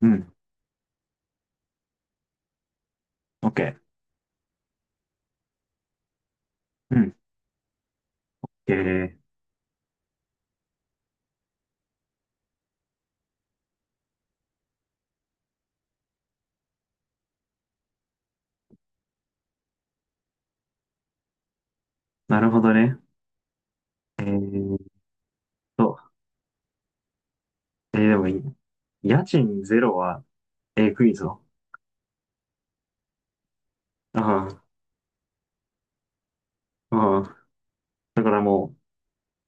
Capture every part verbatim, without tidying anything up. うん。オーケー。うん。えー、なるほどね。えーっと、えー、でもいい、家賃ゼロは、えー、クイズを。ああ、ああ。だからもう、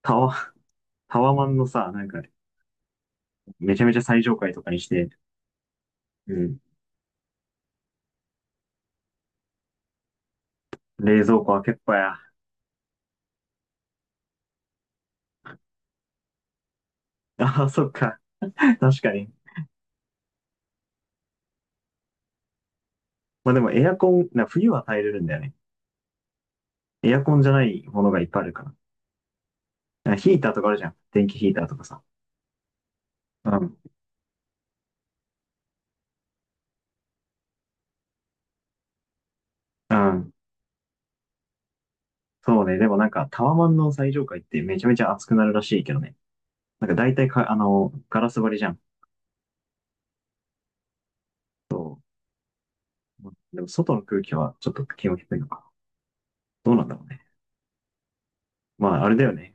タワ、タワマンのさ、なんか、めちゃめちゃ最上階とかにして、うん。冷蔵庫開けっぱや。ああ、そっか。確かに。まあでもエアコン、な冬は耐えれるんだよね。エアコンじゃないものがいっぱいあるから。あヒーターとかあるじゃん。電気ヒーターとかさ。うん。うん。そうね。でもなんかタワマンの最上階ってめちゃめちゃ暑くなるらしいけどね。なんか大体か、あの、ガラス張りじゃん。そう。でも外の空気はちょっと気温低いのか。どうなんだろうね。まあ、あれだよね。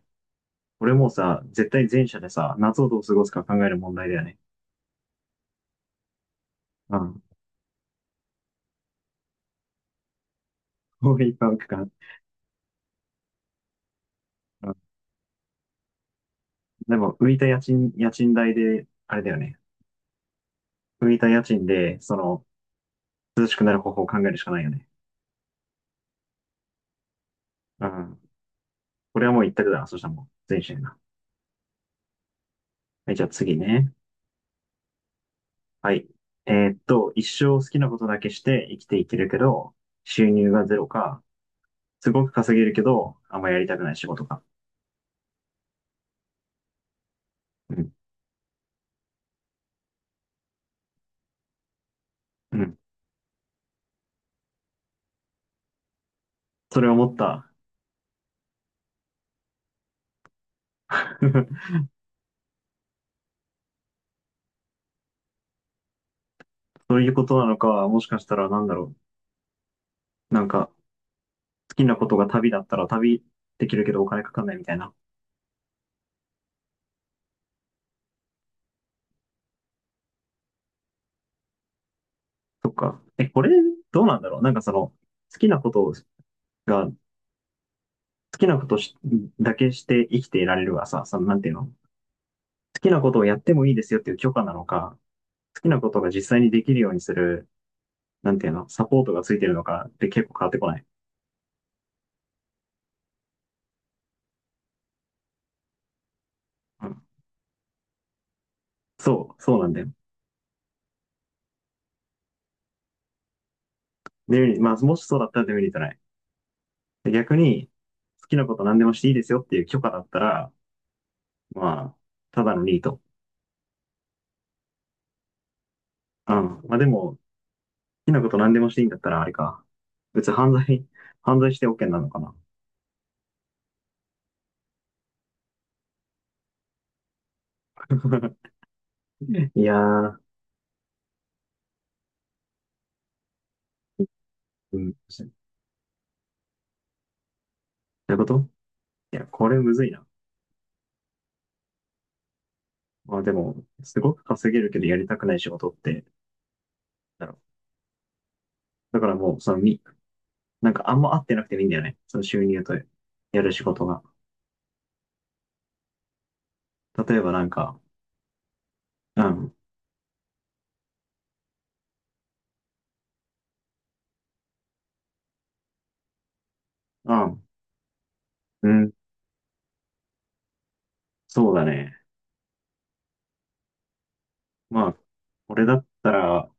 俺もさ、絶対前者でさ、夏をどう過ごすか考える問題だよね。うん。こういパンクかな。うん。でも、浮いた家賃、家賃代で、あれだよね。浮いた家賃で、その、涼しくなる方法を考えるしかないよね。うん。これはもう一択だな。そしたらもう、前者やな。はい、じゃあ次ね。はい。えーっと、一生好きなことだけして生きていけるけど、収入がゼロか、すごく稼げるけど、あんまやりたくない仕事か。うん。うん。それ思った。そういうことなのか、もしかしたらなんだろう。なんか、好きなことが旅だったら旅できるけどお金かかんないみたいな。そっか。え、これ、どうなんだろう。なんかその、好きなことが、好きなことしだけして生きていられるがさ、その、なんていうの好きなことをやってもいいですよっていう許可なのか、好きなことが実際にできるようにする、なんていうのサポートがついてるのかって結構変わってこない。うん。そう、そうなんだよ。デメリット、まあ、もしそうだったらデメリットない。で逆に、好きなこと何でもしていいですよっていう許可だったら、まあ、ただのニート。うん。まあでも、好きなこと何でもしていいんだったら、あれか。別に犯罪、犯罪して OK なのかな。いやー、うん。そういうこといや、これむずいな。まあでも、すごく稼げるけどやりたくない仕事って、だろう。だからもう、そのみ、なんかあんま合ってなくてもいいんだよね。その収入とやる仕事が。例えばなんか、うん、うん、うん、そうだね。まあ、これだったら、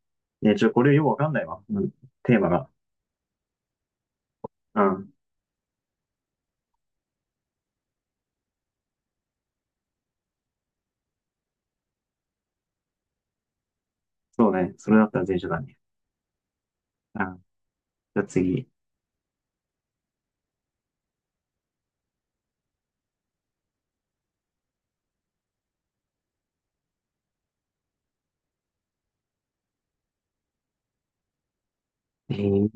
ね、ちょ、これよくわかんないわ。うん、テーマが。うん。そうね。それだったら全書だね。うん。じゃあ次。えー、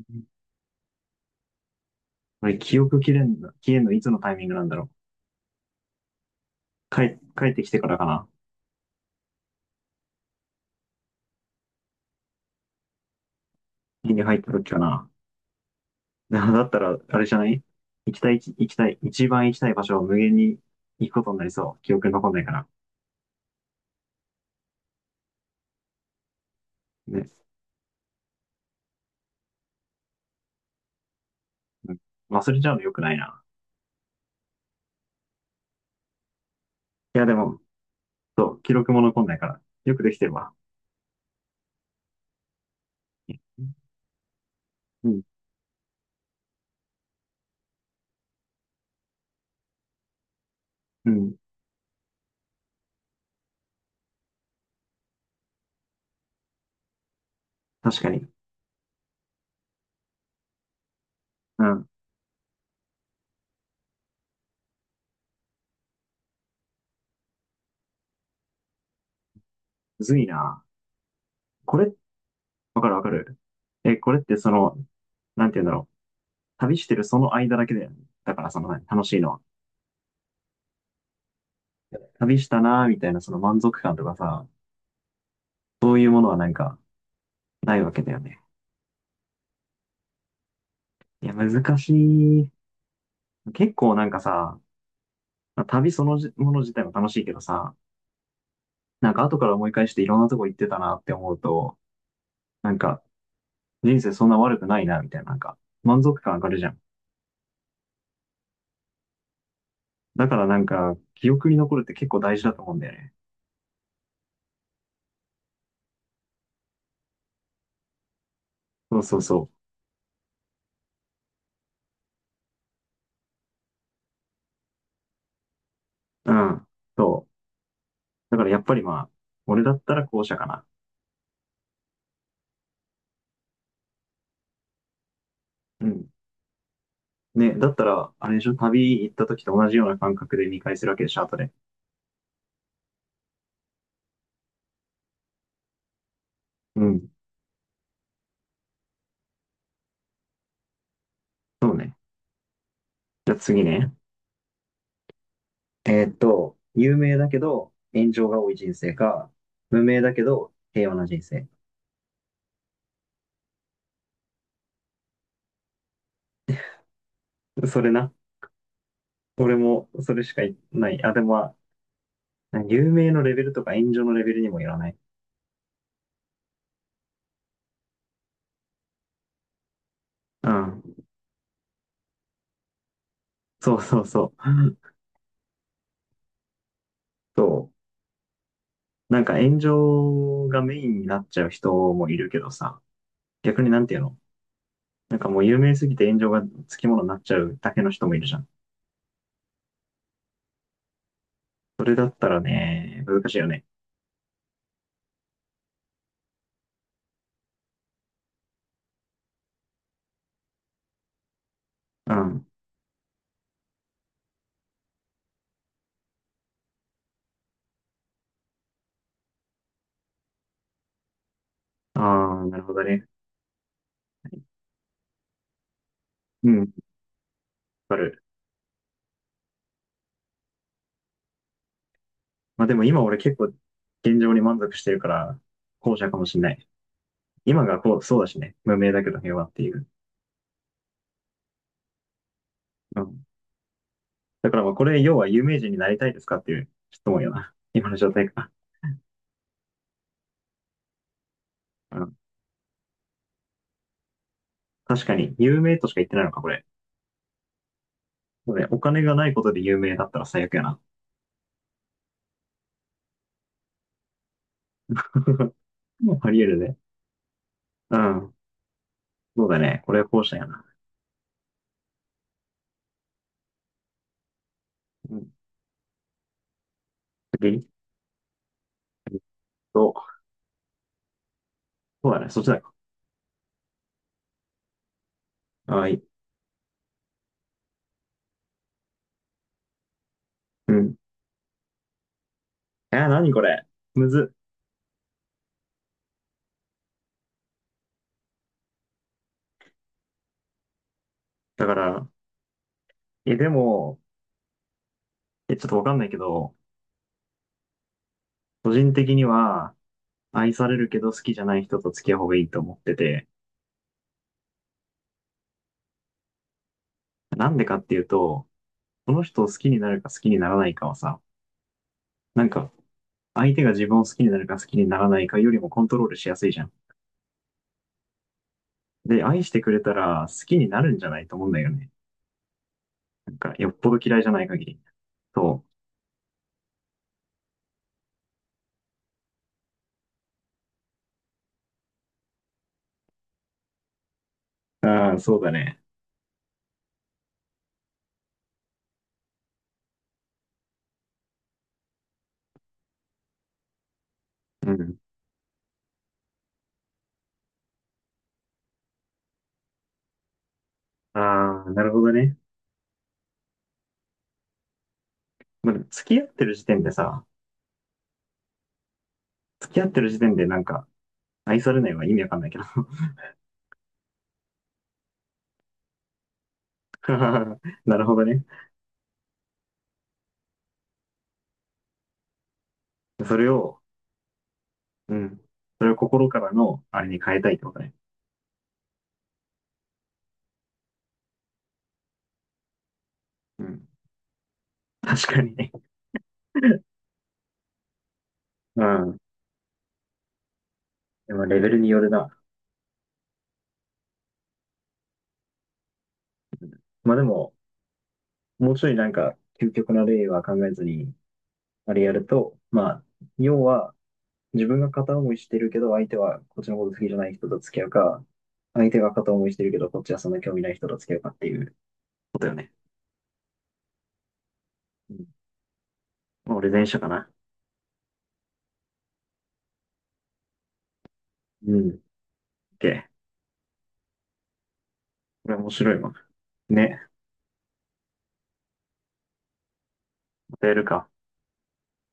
これ記憶切れんの、消えんのいつのタイミングなんだろう。帰、帰ってきてからかな。家に入った時かな。なだったら、あれじゃない行きたい、行きたい、一番行きたい場所を無限に行くことになりそう。記憶に残んないから。ね。うん。忘れちゃうの良くないな。いや、でも、そう、記録も残んないから。よくできてるわ。うん。うん。確かに。うんむずいな。これ、わかるわかる。え、これってその、なんて言うんだろう。旅してるその間だけだよね。だからその、何楽しいのは。旅したなーみたいなその満足感とかさ、そういうものはなんかないわけだよね。いや、難しい。結構なんかさ、旅そのじもの自体も楽しいけどさ、なんか後から思い返していろんなとこ行ってたなって思うと、なんか人生そんな悪くないなみたいな、なんか満足感上がるじゃん。だからなんか記憶に残るって結構大事だと思うんだよね。そうそうそう。うん。そう。だからやっぱりまあ、俺だったら後者かな。うん。ね、だったら、あれでしょ旅行った時と同じような感覚で見返するわけでしょ後で。うん。そうね。じゃあ次ね。えーっと、有名だけど炎上が多い人生か、無名だけど平和な人生。それな。俺もそれしかいない。あ、でもまあ、有名のレベルとか炎上のレベルにもよらない。うん。そうそうそう。そう。なんか炎上がメインになっちゃう人もいるけどさ。逆になんていうのなんかもう有名すぎて炎上がつきものになっちゃうだけの人もいるじゃん。それだったらね、難しいよね。うん。ああ、なるほどね。うん、わかる。まあでも今俺結構現状に満足してるから、後者かもしんない。今がこう、そうだしね。無名だけど平和っていう。うん。だからまあこれ、要は有名人になりたいですかっていう質問よな。今の状態か。うん。確かに、有名としか言ってないのか、これ。そうね、お金がないことで有名だったら最悪やな。あり得るね。うん。そうだね。これは後者やな。うん。次えっと、そうだね、そっちだ。はい。うん。えー、何これむずっ。だから、え、でも、え、ちょっとわかんないけど、個人的には、愛されるけど好きじゃない人と付き合う方がいいと思ってて、なんでかっていうと、その人を好きになるか好きにならないかはさ、なんか、相手が自分を好きになるか好きにならないかよりもコントロールしやすいじゃん。で、愛してくれたら好きになるんじゃないと思うんだよね。なんか、よっぽど嫌いじゃない限り。そう。ああ、そうだね。うん。ああ、なるほどね。まあ、でも付き合ってる時点でさ、付き合ってる時点でなんか、愛されないは意味わかんないけど。なるほどね。それを、うん。それを心からの、あれに変えたいってことね。うん。確かにね。うん。でもレベルによるな。まあでも、もうちょいなんか、究極な例は考えずに、あれやると、まあ、要は、自分が片思いしてるけど、相手はこっちのこと好きじゃない人と付き合うか、相手が片思いしてるけど、こっちはそんな興味ない人と付き合うかっていうことよね。うん。まあ俺前者かな。うん。オッケー。これ面白いわ。ね。またやるか。